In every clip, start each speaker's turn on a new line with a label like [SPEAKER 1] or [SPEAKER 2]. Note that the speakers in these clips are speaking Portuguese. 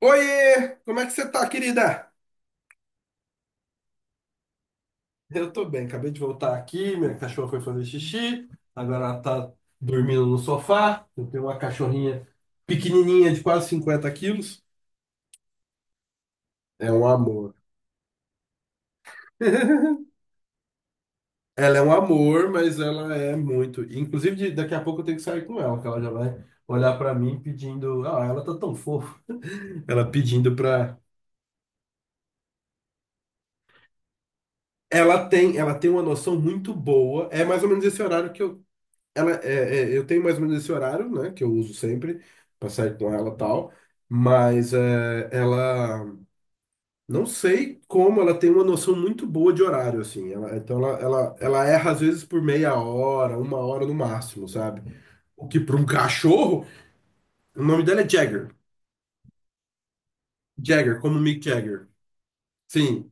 [SPEAKER 1] Oiê! Como é que você tá, querida? Eu tô bem, acabei de voltar aqui, minha cachorra foi fazer xixi, agora ela tá dormindo no sofá. Eu tenho uma cachorrinha pequenininha de quase 50 quilos. É um amor. Ela é um amor, mas ela é muito. Inclusive, daqui a pouco eu tenho que sair com ela, que ela já vai olhar pra mim pedindo. Ah, ela tá tão fofa. Ela pedindo pra. Ela tem uma noção muito boa. É mais ou menos esse horário que eu ela eu tenho mais ou menos esse horário, né, que eu uso sempre para sair com ela e tal, mas ela não sei como ela tem uma noção muito boa de horário assim. Então ela erra às vezes por meia hora, uma hora no máximo, sabe? O que para um cachorro, o nome dela é Jagger. Jagger, como Mick Jagger. Sim,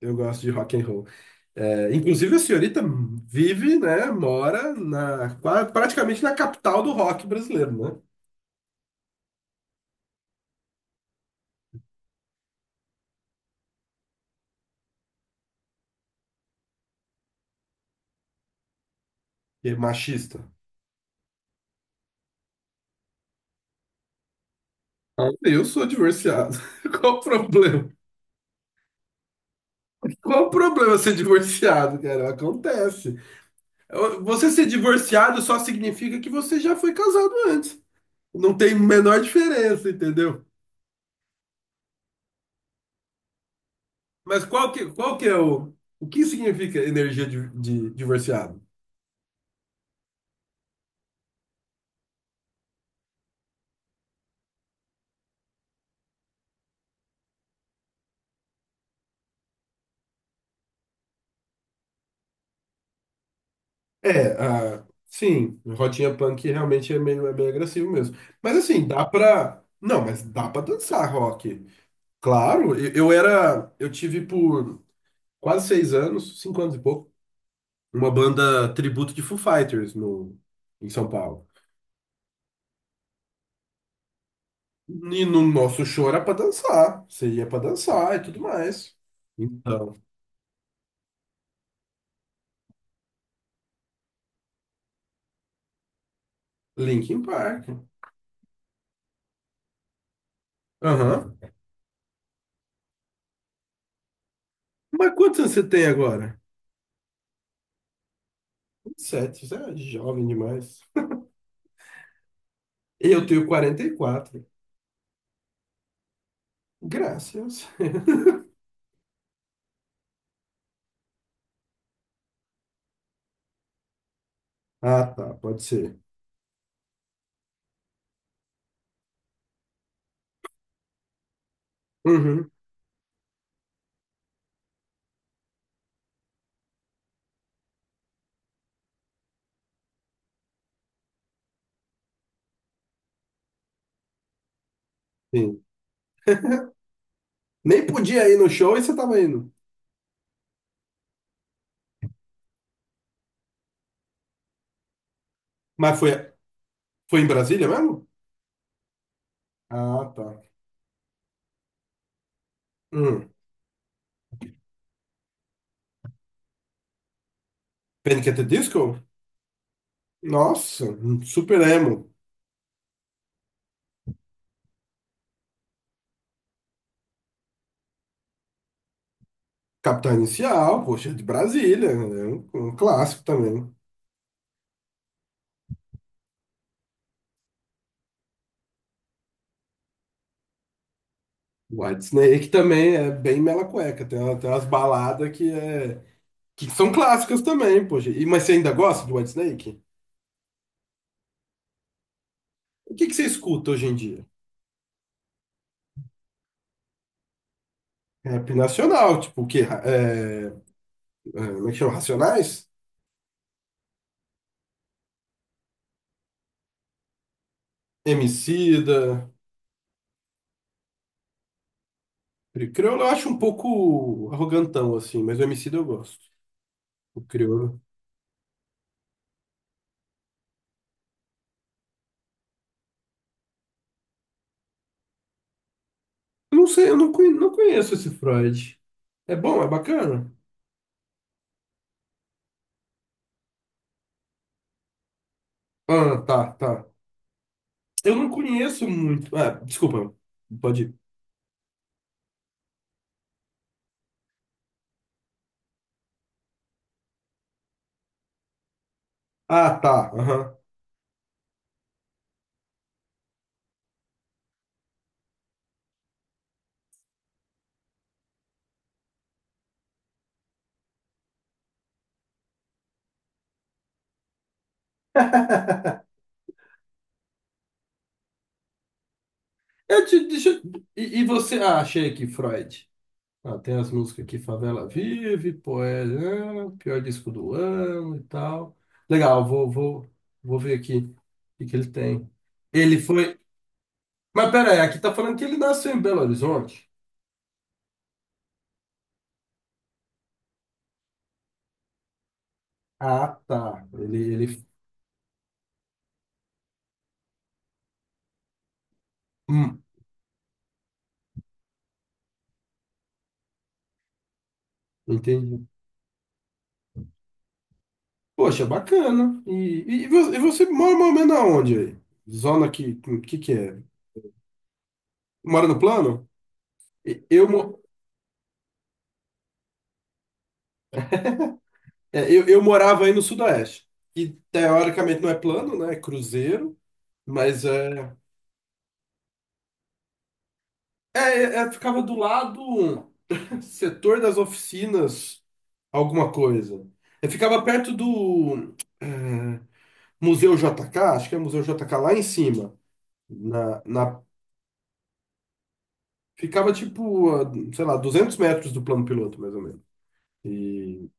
[SPEAKER 1] eu gosto de rock and roll. É, inclusive a senhorita vive, né, mora praticamente na capital do rock brasileiro, né? Que é machista. Eu sou divorciado. Qual o problema? Qual o problema ser divorciado, cara? Acontece. Você ser divorciado só significa que você já foi casado antes. Não tem menor diferença, entendeu? Mas qual que é o... O que significa energia de divorciado? É, ah, sim, Rotinha Punk realmente é meio agressivo mesmo. Mas assim, dá pra... Não, mas dá pra dançar rock. Claro, eu era... Eu tive por quase 6 anos, 5 anos e pouco, uma banda tributo de Foo Fighters no, em São Paulo. E no nosso show era pra dançar. Você ia pra dançar e tudo mais. Então, Linkin Park. Aham. Mas quantos anos você tem agora? 27 você é jovem demais. Eu tenho 44. Graças. Ah, tá, pode ser. Uhum, sim. Nem podia ir no show e você tava indo. Mas foi, foi em Brasília mesmo? Ah, tá. Hum. Panic! At the Disco? Nossa, super emo. Capital Inicial, poxa, é de Brasília, é um clássico também. White Snake também é bem mela cueca, tem, tem umas baladas que são clássicas também, poxa. E, mas você ainda gosta de White Snake? O que, que você escuta hoje em dia? Rap nacional, tipo o quê? Como é que chama? Racionais? Emicida, Criolo eu acho um pouco arrogantão, assim, mas o Emicida eu gosto. O Criolo. Eu não sei, eu não, não conheço esse Freud. É bom, é bacana? Ah, tá, tá. Eu não conheço muito. Ah, desculpa, pode ir. Ah, tá. Aham. Eu te, deixa, eu- e você. Ah, achei aqui, Freud. Ah, tem as músicas aqui, Favela Vive, Poeira, ah, pior disco do ano e tal. Legal, vou ver aqui o que, que ele tem. Ele foi. Mas pera aí, aqui tá falando que ele nasceu em Belo Horizonte. Ah, tá. Ele... Hum, entendi. Poxa, bacana. E, e você mora mais ou menos aonde aí? Zona que é? Mora no plano? Eu, mo- é, eu morava aí no Sudoeste. E teoricamente não é plano, né? É cruzeiro, mas é. Ficava do lado setor das oficinas, alguma coisa. Eu ficava perto do é, Museu JK, acho que é Museu JK lá em cima. Na, na, ficava tipo, sei lá, 200 metros do plano piloto, mais ou menos. E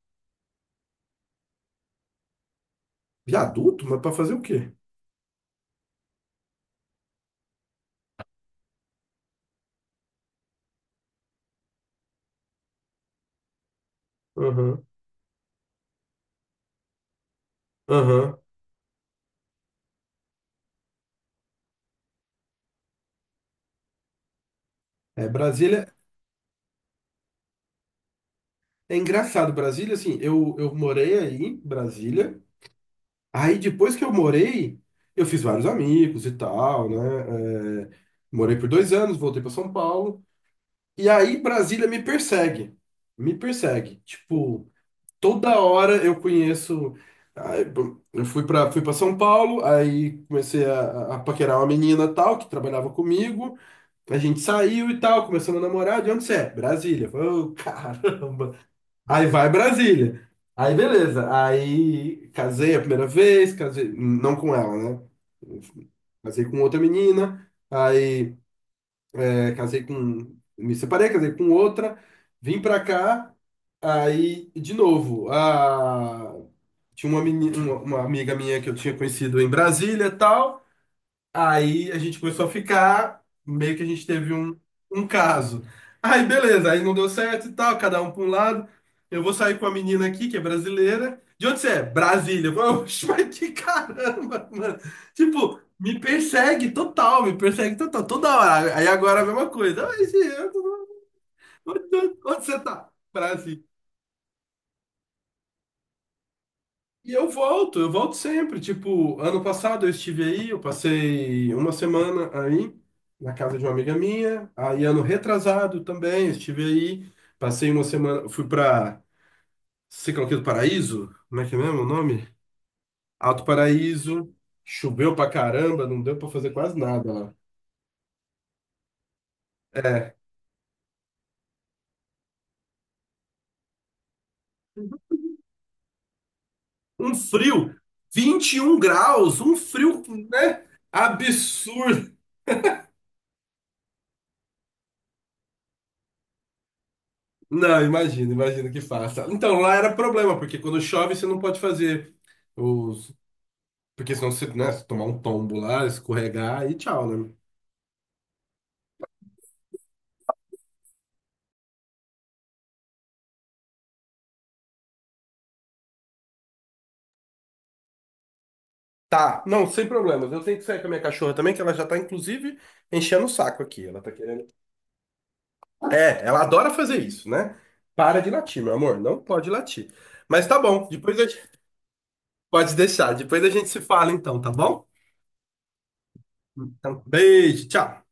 [SPEAKER 1] viaduto, mas para fazer o quê? Aham, aham. É, Brasília. É engraçado, Brasília, assim, eu morei aí, em Brasília. Aí depois que eu morei, eu fiz vários amigos e tal, né? É, morei por 2 anos, voltei para São Paulo. E aí Brasília me persegue. Me persegue. Tipo, toda hora eu conheço. Aí, bom, eu fui para São Paulo, aí comecei a paquerar uma menina tal, que trabalhava comigo. A gente saiu e tal, começamos a namorar. De onde você é? Brasília. Eu falei: "Ô, caramba. Aí vai Brasília." Aí beleza. Aí casei a primeira vez, casei, não com ela, né? Casei com outra menina, aí casei com. Me separei, casei com outra, vim pra cá, aí de novo. A, tinha uma, uma amiga minha que eu tinha conhecido em Brasília e tal. Aí a gente começou a ficar, meio que a gente teve um caso. Aí beleza, aí não deu certo e tal, cada um para um lado. Eu vou sair com a menina aqui, que é brasileira. De onde você é? Brasília. Eu falei: Oxe, mas que caramba, mano. Tipo, me persegue total, toda hora. Aí agora a mesma coisa. Ai, gente, onde você tá? Brasília. E eu volto sempre. Tipo, ano passado eu estive aí, eu passei uma semana aí, na casa de uma amiga minha. Aí, ano retrasado também, eu estive aí, passei uma semana, fui pra Ciclo aqui do Paraíso, como é que é mesmo o nome? Alto Paraíso, choveu pra caramba, não deu pra fazer quase nada lá. É, um frio, 21 graus, um frio, né? Absurdo. Não, imagino, imagino que faça. Então, lá era problema, porque quando chove você não pode fazer os. Porque senão você, né, se tomar um tombo lá, escorregar e tchau, né? Tá, não, sem problemas. Eu tenho que sair com a minha cachorra também, que ela já tá, inclusive, enchendo o saco aqui. Ela tá querendo. É, ela adora fazer isso, né? Para de latir, meu amor. Não pode latir. Mas tá bom, depois a gente. Pode deixar, depois a gente se fala então, tá bom? Então, beijo, tchau.